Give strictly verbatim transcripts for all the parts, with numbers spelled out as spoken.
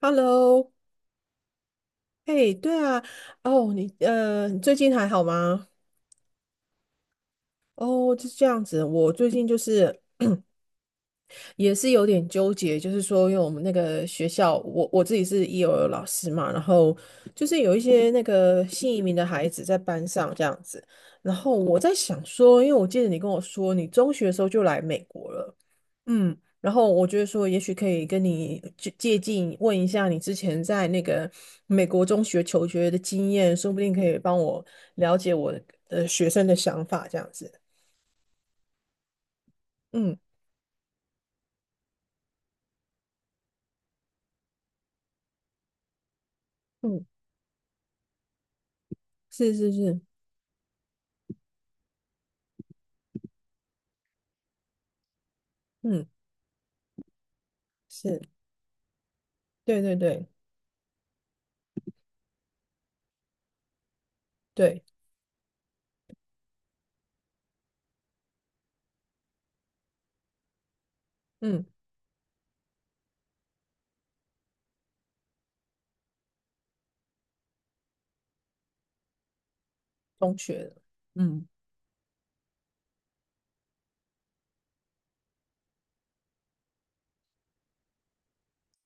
Hello，嘿，对啊，哦，你呃，你最近还好吗？哦，就是这样子。我最近就是也是有点纠结，就是说，因为我们那个学校，我我自己是 E O L 老师嘛，然后就是有一些那个新移民的孩子在班上这样子。然后我在想说，因为我记得你跟我说，你中学的时候就来美国了。嗯，然后我觉得说，也许可以跟你借借鉴，问一下你之前在那个美国中学求学的经验，说不定可以帮我了解我的学生的想法，这样子。嗯嗯，是是是。嗯。是。对对对对。嗯。中学的。嗯。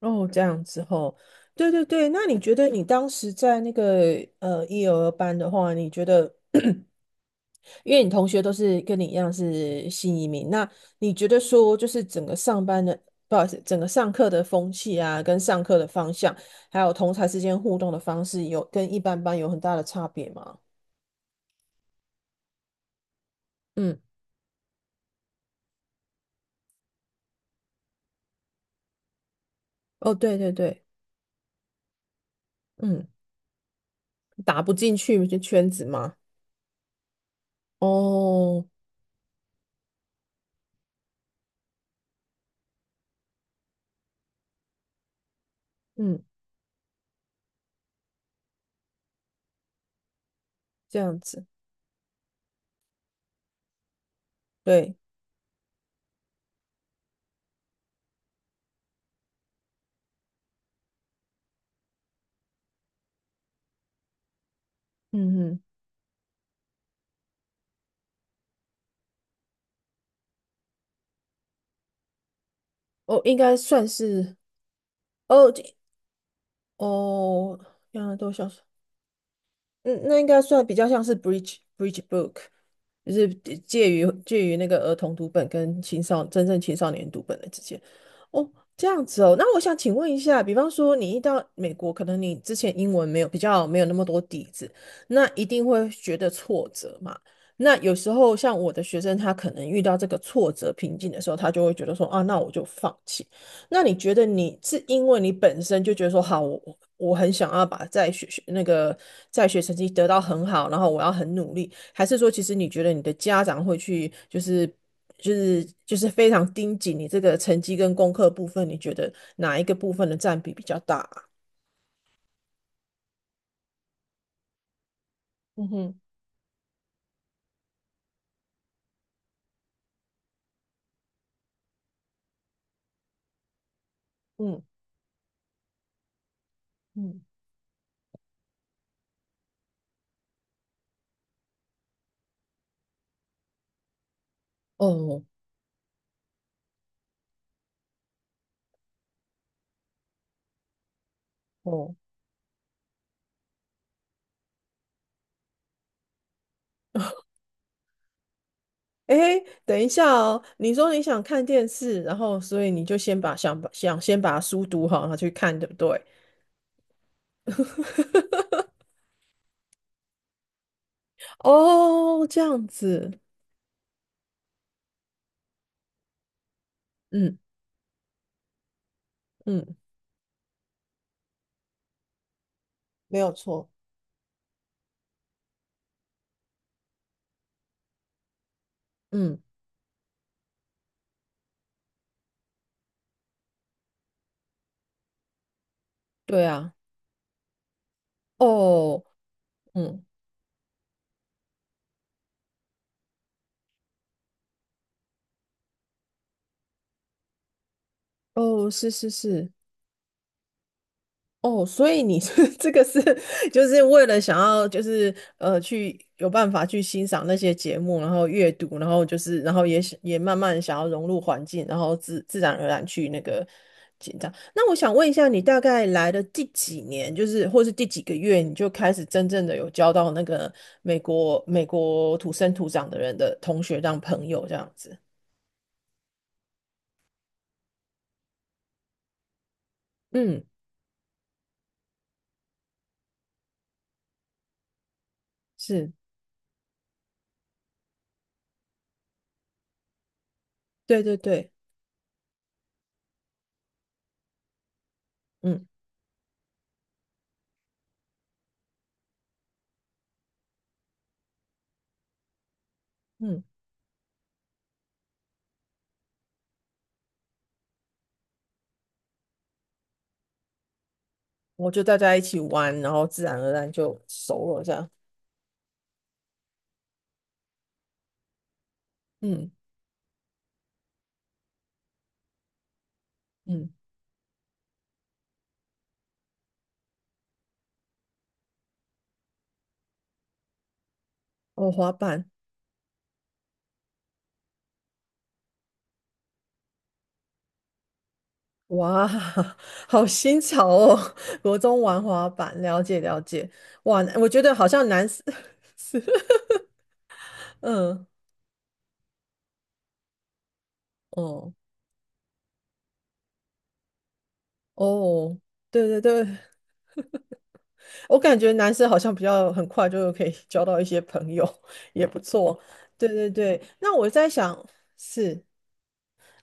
哦，这样子后。对对对，那你觉得你当时在那个呃一、儿班的话，你觉得？因为你同学都是跟你一样是新移民，那你觉得说就是整个上班的，不好意思，整个上课的风气啊，跟上课的方向，还有同才之间互动的方式有，跟一般班有很大的差别吗？嗯。哦，对对对。嗯，打不进去就圈子吗？哦。嗯，这样子。对。嗯嗯。哦，应该算是。哦，这。哦，原来都想。嗯，那应该算比较像是 bridge bridge book，就是介于介于那个儿童读本跟青少真正青少年读本的之间。哦，这样子哦。那我想请问一下，比方说你一到美国，可能你之前英文没有比较没有那么多底子，那一定会觉得挫折嘛？那有时候像我的学生，他可能遇到这个挫折瓶颈的时候，他就会觉得说啊，那我就放弃。那你觉得你是因为你本身就觉得说好，我我我很想要把在学学那个在学成绩得到很好，然后我要很努力，还是说其实你觉得你的家长会去就是就是就是非常盯紧你这个成绩跟功课部分，你觉得哪一个部分的占比比较大啊。嗯哼。嗯嗯。哦。哦。诶，等一下哦，你说你想看电视，然后所以你就先把想把想先把书读好，然后去看，对不对？哦，这样子。嗯嗯，没有错。嗯。对啊。哦。嗯。哦，是是是。哦，所以你是 这个是就是为了想要就是呃去有办法去欣赏那些节目，然后阅读，然后就是然后也想也慢慢想要融入环境，然后自自然而然去那个紧张。那我想问一下，你大概来了第几年，就是或是第几个月，你就开始真正的有交到那个美国美国土生土长的人的同学当朋友这样子？嗯。是。对对对。嗯嗯。我就大家一起玩，然后自然而然就熟了这样。嗯嗯。哦，滑板。哇，好新潮哦！国中玩滑板，了解了解。哇，我觉得好像男生 是。嗯。哦。哦，对对对。我感觉男生好像比较很快就可以交到一些朋友，也不错。对对对，那我在想，是。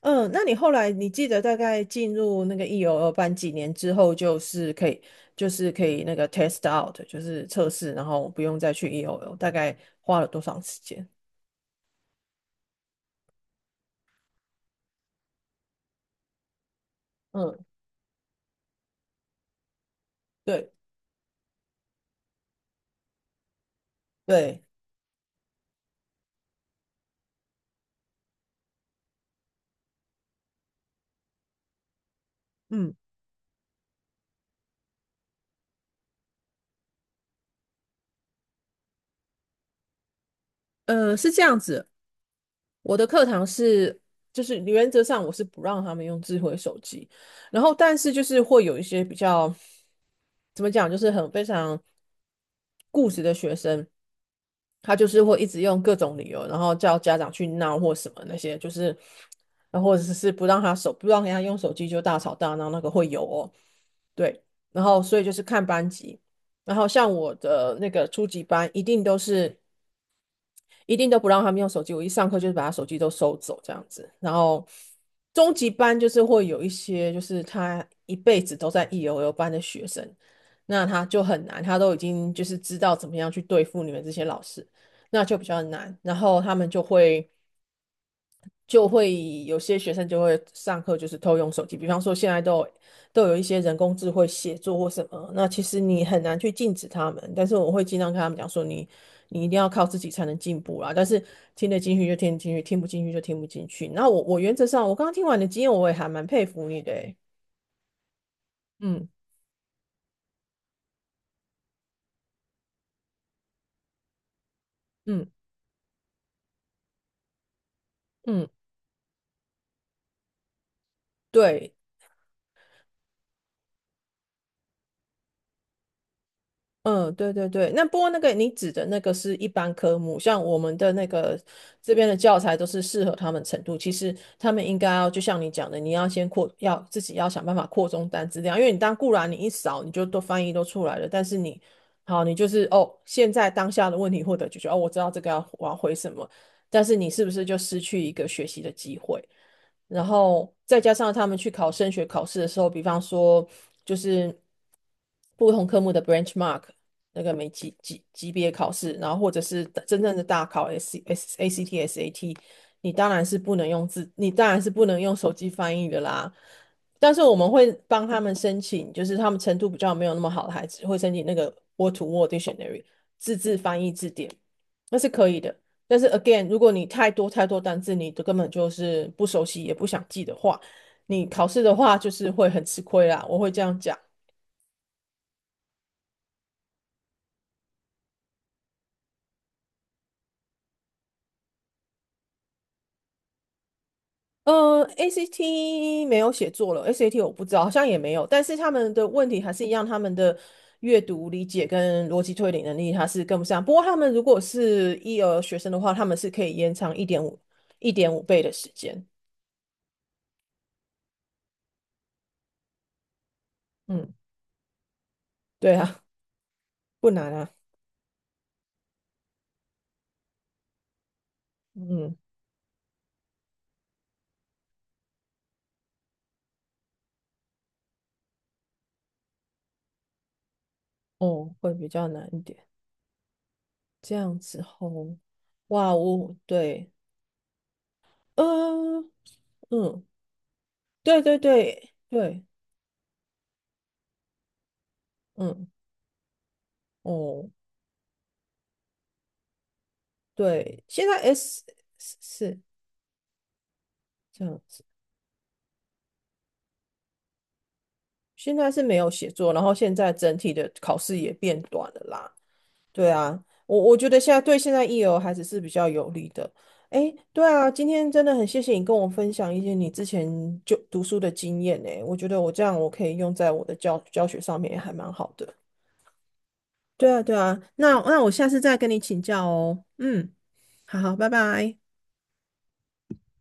嗯，那你后来你记得大概进入那个 E O L 班几年之后，就是可以就是可以那个 test out，就是测试，然后不用再去 E O L，大概花了多长时间？嗯。对对。嗯呃，是这样子。我的课堂是，就是原则上我是不让他们用智慧手机，然后但是就是会有一些比较，怎么讲，就是很非常固执的学生，他就是会一直用各种理由，然后叫家长去闹或什么那些，就是，然后或者是不让他手不让人家用手机就大吵大闹，那个会有哦。对。然后所以就是看班级，然后像我的那个初级班一定都是。一定都不让他们用手机。我一上课就是把他手机都收走这样子。然后中级班就是会有一些，就是他一辈子都在 e o l 班的学生，那他就很难，他都已经就是知道怎么样去对付你们这些老师，那就比较难。然后他们就会就会有些学生就会上课就是偷用手机，比方说现在都有都有一些人工智慧写作或什么，那其实你很难去禁止他们，但是我会尽量跟他们讲说你你一定要靠自己才能进步啦，但是听得进去就听得进去，听不进去就听不进去。那我我原则上我刚刚听完你的经验，我也还蛮佩服你的欸。嗯嗯嗯。对。嗯。对对对，那不过那个你指的那个是一般科目，像我们的那个这边的教材都是适合他们程度。其实他们应该要就像你讲的，你要先扩，要自己要想办法扩充单词量，因为你当固然你一扫你就都翻译都出来了，但是你好，你就是哦，现在当下的问题获得解决，哦，我知道这个要我要回什么，但是你是不是就失去一个学习的机会？然后再加上他们去考升学考试的时候，比方说就是不同科目的 benchmark 那个每级级级别考试，然后或者是真正的大考 S S A C T S A T，你当然是不能用字，你当然是不能用手机翻译的啦。但是我们会帮他们申请，就是他们程度比较没有那么好的孩子，会申请那个 Word to Word Dictionary 自制翻译字典，那是可以的。但是 again，如果你太多太多单字，你都根本就是不熟悉，也不想记的话，你考试的话就是会很吃亏啦。我会这样讲。呃，A C T 没有写作了，S A T 我不知道，好像也没有。但是他们的问题还是一样，他们的阅读理解跟逻辑推理能力还是跟不上。不过他们如果是一儿学生的话，他们是可以延长一点五一点五倍的时间。嗯，对啊，不难啊。嗯。哦，会比较难一点。这样子吼。哇。哦。对。呃。嗯。对对对对。嗯。哦。对，现在 S 是是这样子，现在是没有写作，然后现在整体的考试也变短了啦。对啊，我我觉得现在对现在 E L 孩子是比较有利的。诶，对啊，今天真的很谢谢你跟我分享一些你之前就读书的经验呢，我觉得我这样我可以用在我的教教学上面，也还蛮好的。对啊，对啊，那那我下次再跟你请教哦。嗯。好好，拜拜。